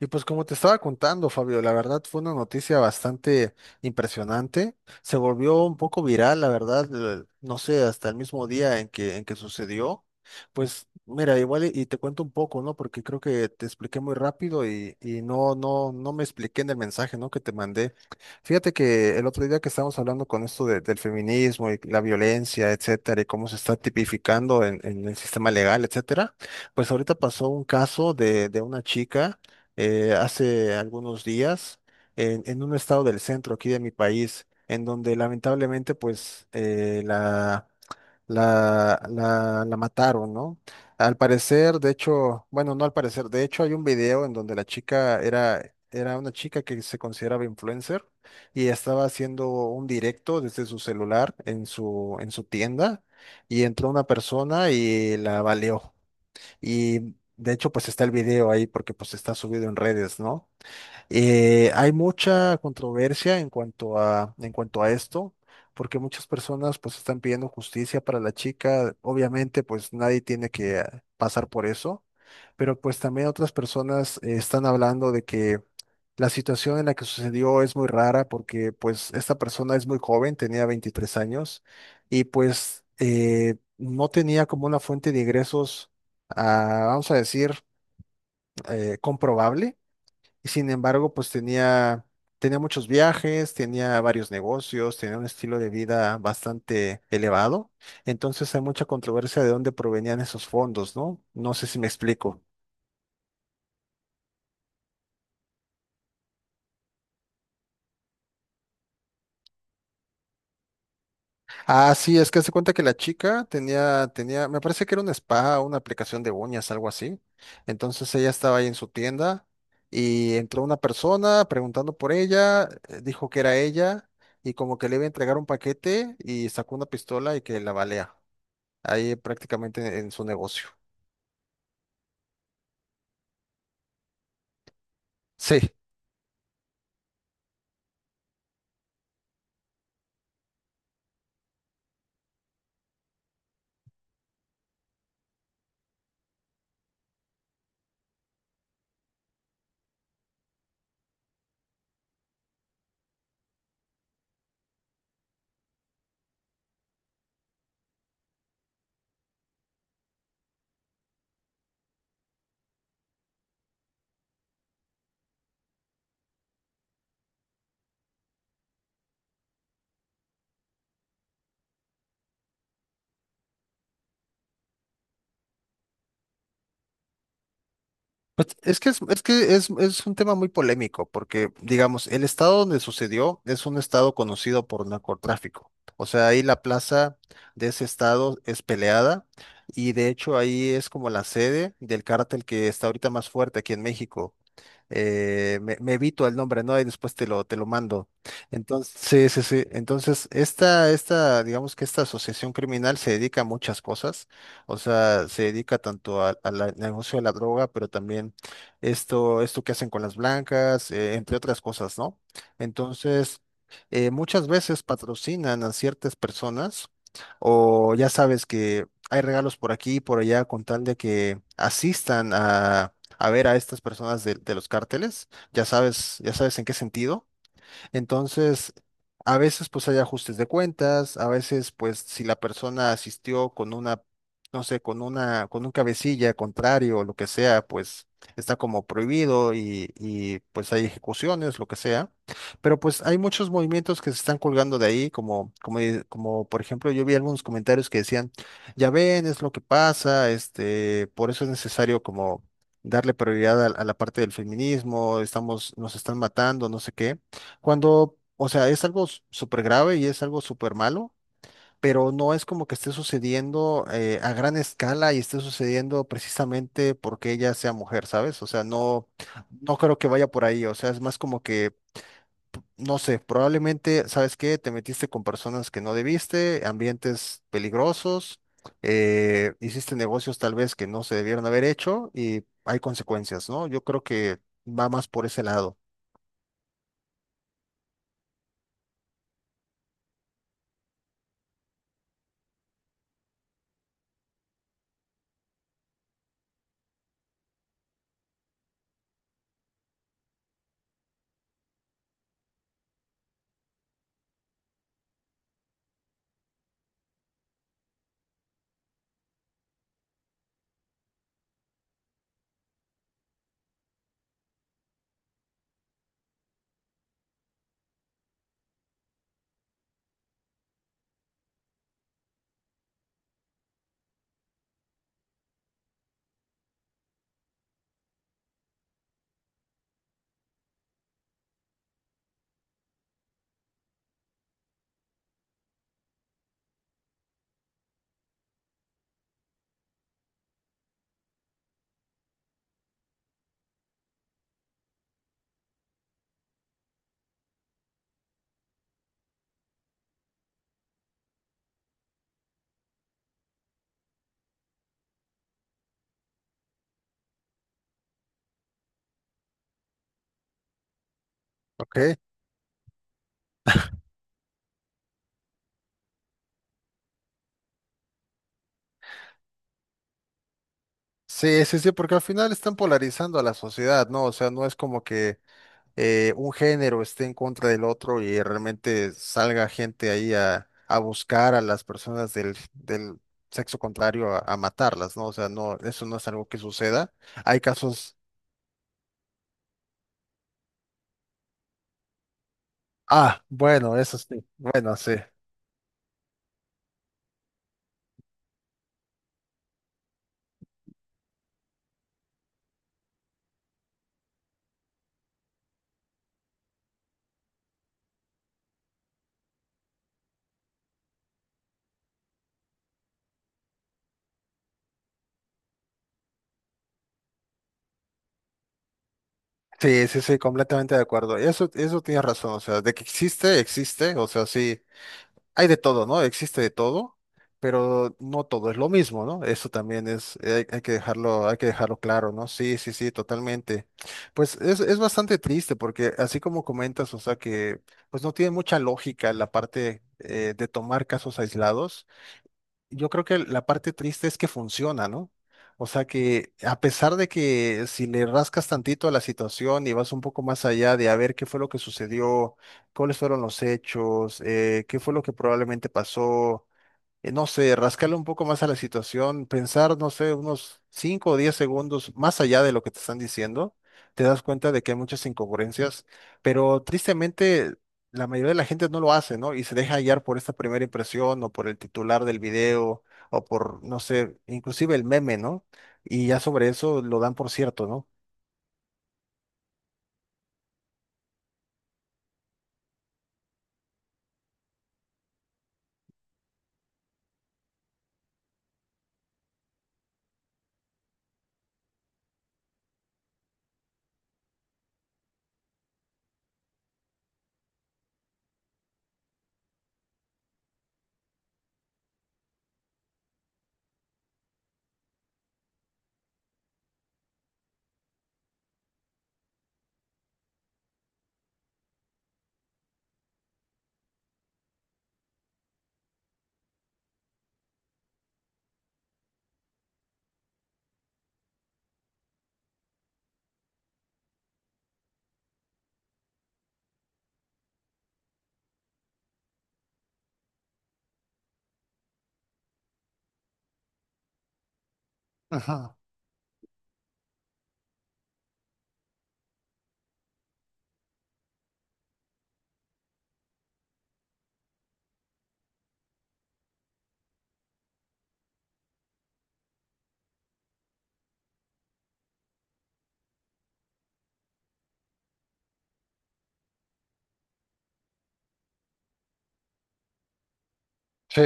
Y pues como te estaba contando, Fabio, la verdad fue una noticia bastante impresionante. Se volvió un poco viral, la verdad, no sé, hasta el mismo día en que sucedió. Pues mira, igual y te cuento un poco, ¿no? Porque creo que te expliqué muy rápido y no me expliqué en el mensaje, ¿no? que te mandé. Fíjate que el otro día que estábamos hablando con esto del feminismo y la violencia, etcétera, y cómo se está tipificando en, el sistema legal, etcétera, pues ahorita pasó un caso de, una chica hace algunos días en un estado del centro aquí de mi país, en donde lamentablemente pues la mataron, ¿no? Al parecer, de hecho, bueno, no al parecer, de hecho hay un video en donde la chica era, una chica que se consideraba influencer y estaba haciendo un directo desde su celular en su tienda y entró una persona y la baleó. Y de hecho, pues está el video ahí porque pues está subido en redes, ¿no? Hay mucha controversia en cuanto a esto, porque muchas personas pues están pidiendo justicia para la chica. Obviamente pues nadie tiene que pasar por eso, pero pues también otras personas están hablando de que la situación en la que sucedió es muy rara porque pues esta persona es muy joven, tenía 23 años y pues no tenía como una fuente de ingresos, vamos a decir, comprobable sin embargo, pues tenía, muchos viajes, tenía varios negocios, tenía un estilo de vida bastante elevado. Entonces hay mucha controversia de dónde provenían esos fondos, ¿no? No sé si me explico. Ah, sí, es que se cuenta que la chica tenía, me parece que era un spa, una aplicación de uñas, algo así. Entonces ella estaba ahí en su tienda y entró una persona preguntando por ella, dijo que era ella y como que le iba a entregar un paquete y sacó una pistola y que la balea. Ahí prácticamente en su negocio. Sí, pues, es un tema muy polémico, porque digamos, el estado donde sucedió es un estado conocido por narcotráfico. O sea, ahí la plaza de ese estado es peleada y de hecho ahí es como la sede del cártel que está ahorita más fuerte aquí en México, me evito el nombre, ¿no? Y después te lo mando. Entonces, sí, sí, sí. Entonces, esta, digamos que esta asociación criminal se dedica a muchas cosas. O sea, se dedica tanto al negocio de la droga, pero también esto que hacen con las blancas, entre otras cosas, ¿no? Entonces, muchas veces patrocinan a ciertas personas, o ya sabes que hay regalos por aquí y por allá con tal de que asistan a ver a estas personas de los cárteles, ya sabes en qué sentido, entonces, a veces pues hay ajustes de cuentas, a veces pues si la persona asistió con una, no sé, con una, con un cabecilla contrario o lo que sea, pues está como prohibido y pues hay ejecuciones, lo que sea. Pero pues hay muchos movimientos que se están colgando de ahí, como por ejemplo yo vi algunos comentarios que decían, ya ven, es lo que pasa, este, por eso es necesario como darle prioridad a la parte del feminismo, estamos, nos están matando, no sé qué. Cuando, o sea, es algo súper grave y es algo súper malo, pero no es como que esté sucediendo a gran escala y esté sucediendo precisamente porque ella sea mujer, ¿sabes? O sea, no, no creo que vaya por ahí, o sea, es más como que, no sé, probablemente, ¿sabes qué? Te metiste con personas que no debiste, ambientes peligrosos, hiciste negocios tal vez que no se debieron haber hecho y hay consecuencias, ¿no? Yo creo que va más por ese lado. Ok. Sí, sí, sí, porque al final están polarizando a la sociedad, ¿no? O sea, no es como que un género esté en contra del otro y realmente salga gente ahí a, buscar a las personas del, sexo contrario a matarlas, ¿no? O sea, no, eso no es algo que suceda. Hay casos, ah, bueno, eso sí, bueno, sí. Sí, sí, sí, completamente de acuerdo. Eso tienes razón, o sea, de que existe, existe, o sea, sí. Hay de todo, ¿no? Existe de todo, pero no todo es lo mismo, ¿no? Eso también es, hay que dejarlo, hay que dejarlo claro, ¿no? Sí, sí, sí, totalmente. Pues es bastante triste porque así como comentas, o sea que pues no tiene mucha lógica la parte de tomar casos aislados yo creo que la parte triste es que funciona, ¿no? O sea que a pesar de que si le rascas tantito a la situación y vas un poco más allá de a ver qué fue lo que sucedió, cuáles fueron los hechos, qué fue lo que probablemente pasó, no sé, rascarle un poco más a la situación, pensar, no sé, unos 5 o 10 segundos más allá de lo que te están diciendo, te das cuenta de que hay muchas incongruencias, pero tristemente la mayoría de la gente no lo hace, ¿no? Y se deja hallar por esta primera impresión o por el titular del video o por, no sé, inclusive el meme, ¿no? Y ya sobre eso lo dan por cierto, ¿no? Ujú, sí,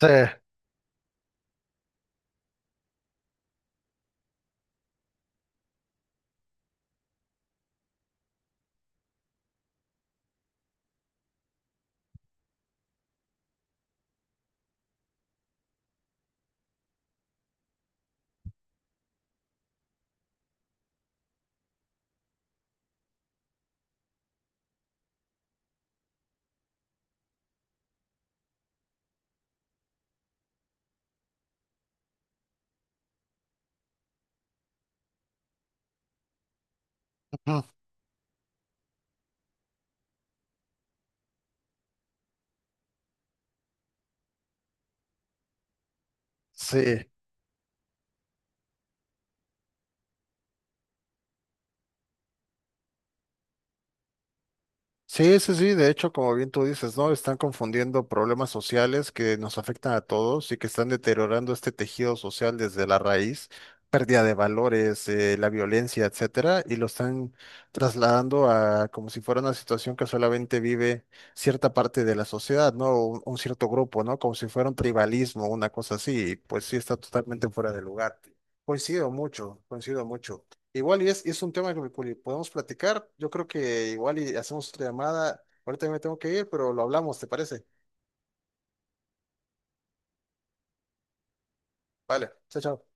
sí, ujú, sí. Sí, sí, sí, de hecho, como bien tú dices, ¿no? Están confundiendo problemas sociales que nos afectan a todos y que están deteriorando este tejido social desde la raíz, pérdida de valores, la violencia, etcétera, y lo están trasladando a como si fuera una situación que solamente vive cierta parte de la sociedad, ¿no? Un cierto grupo, ¿no? Como si fuera un tribalismo, una cosa así, y pues sí está totalmente fuera de lugar. Coincido mucho, coincido mucho. Igual y es un tema que podemos platicar. Yo creo que igual y hacemos otra llamada. Ahorita me tengo que ir, pero lo hablamos, ¿te parece? Vale, chao, chao.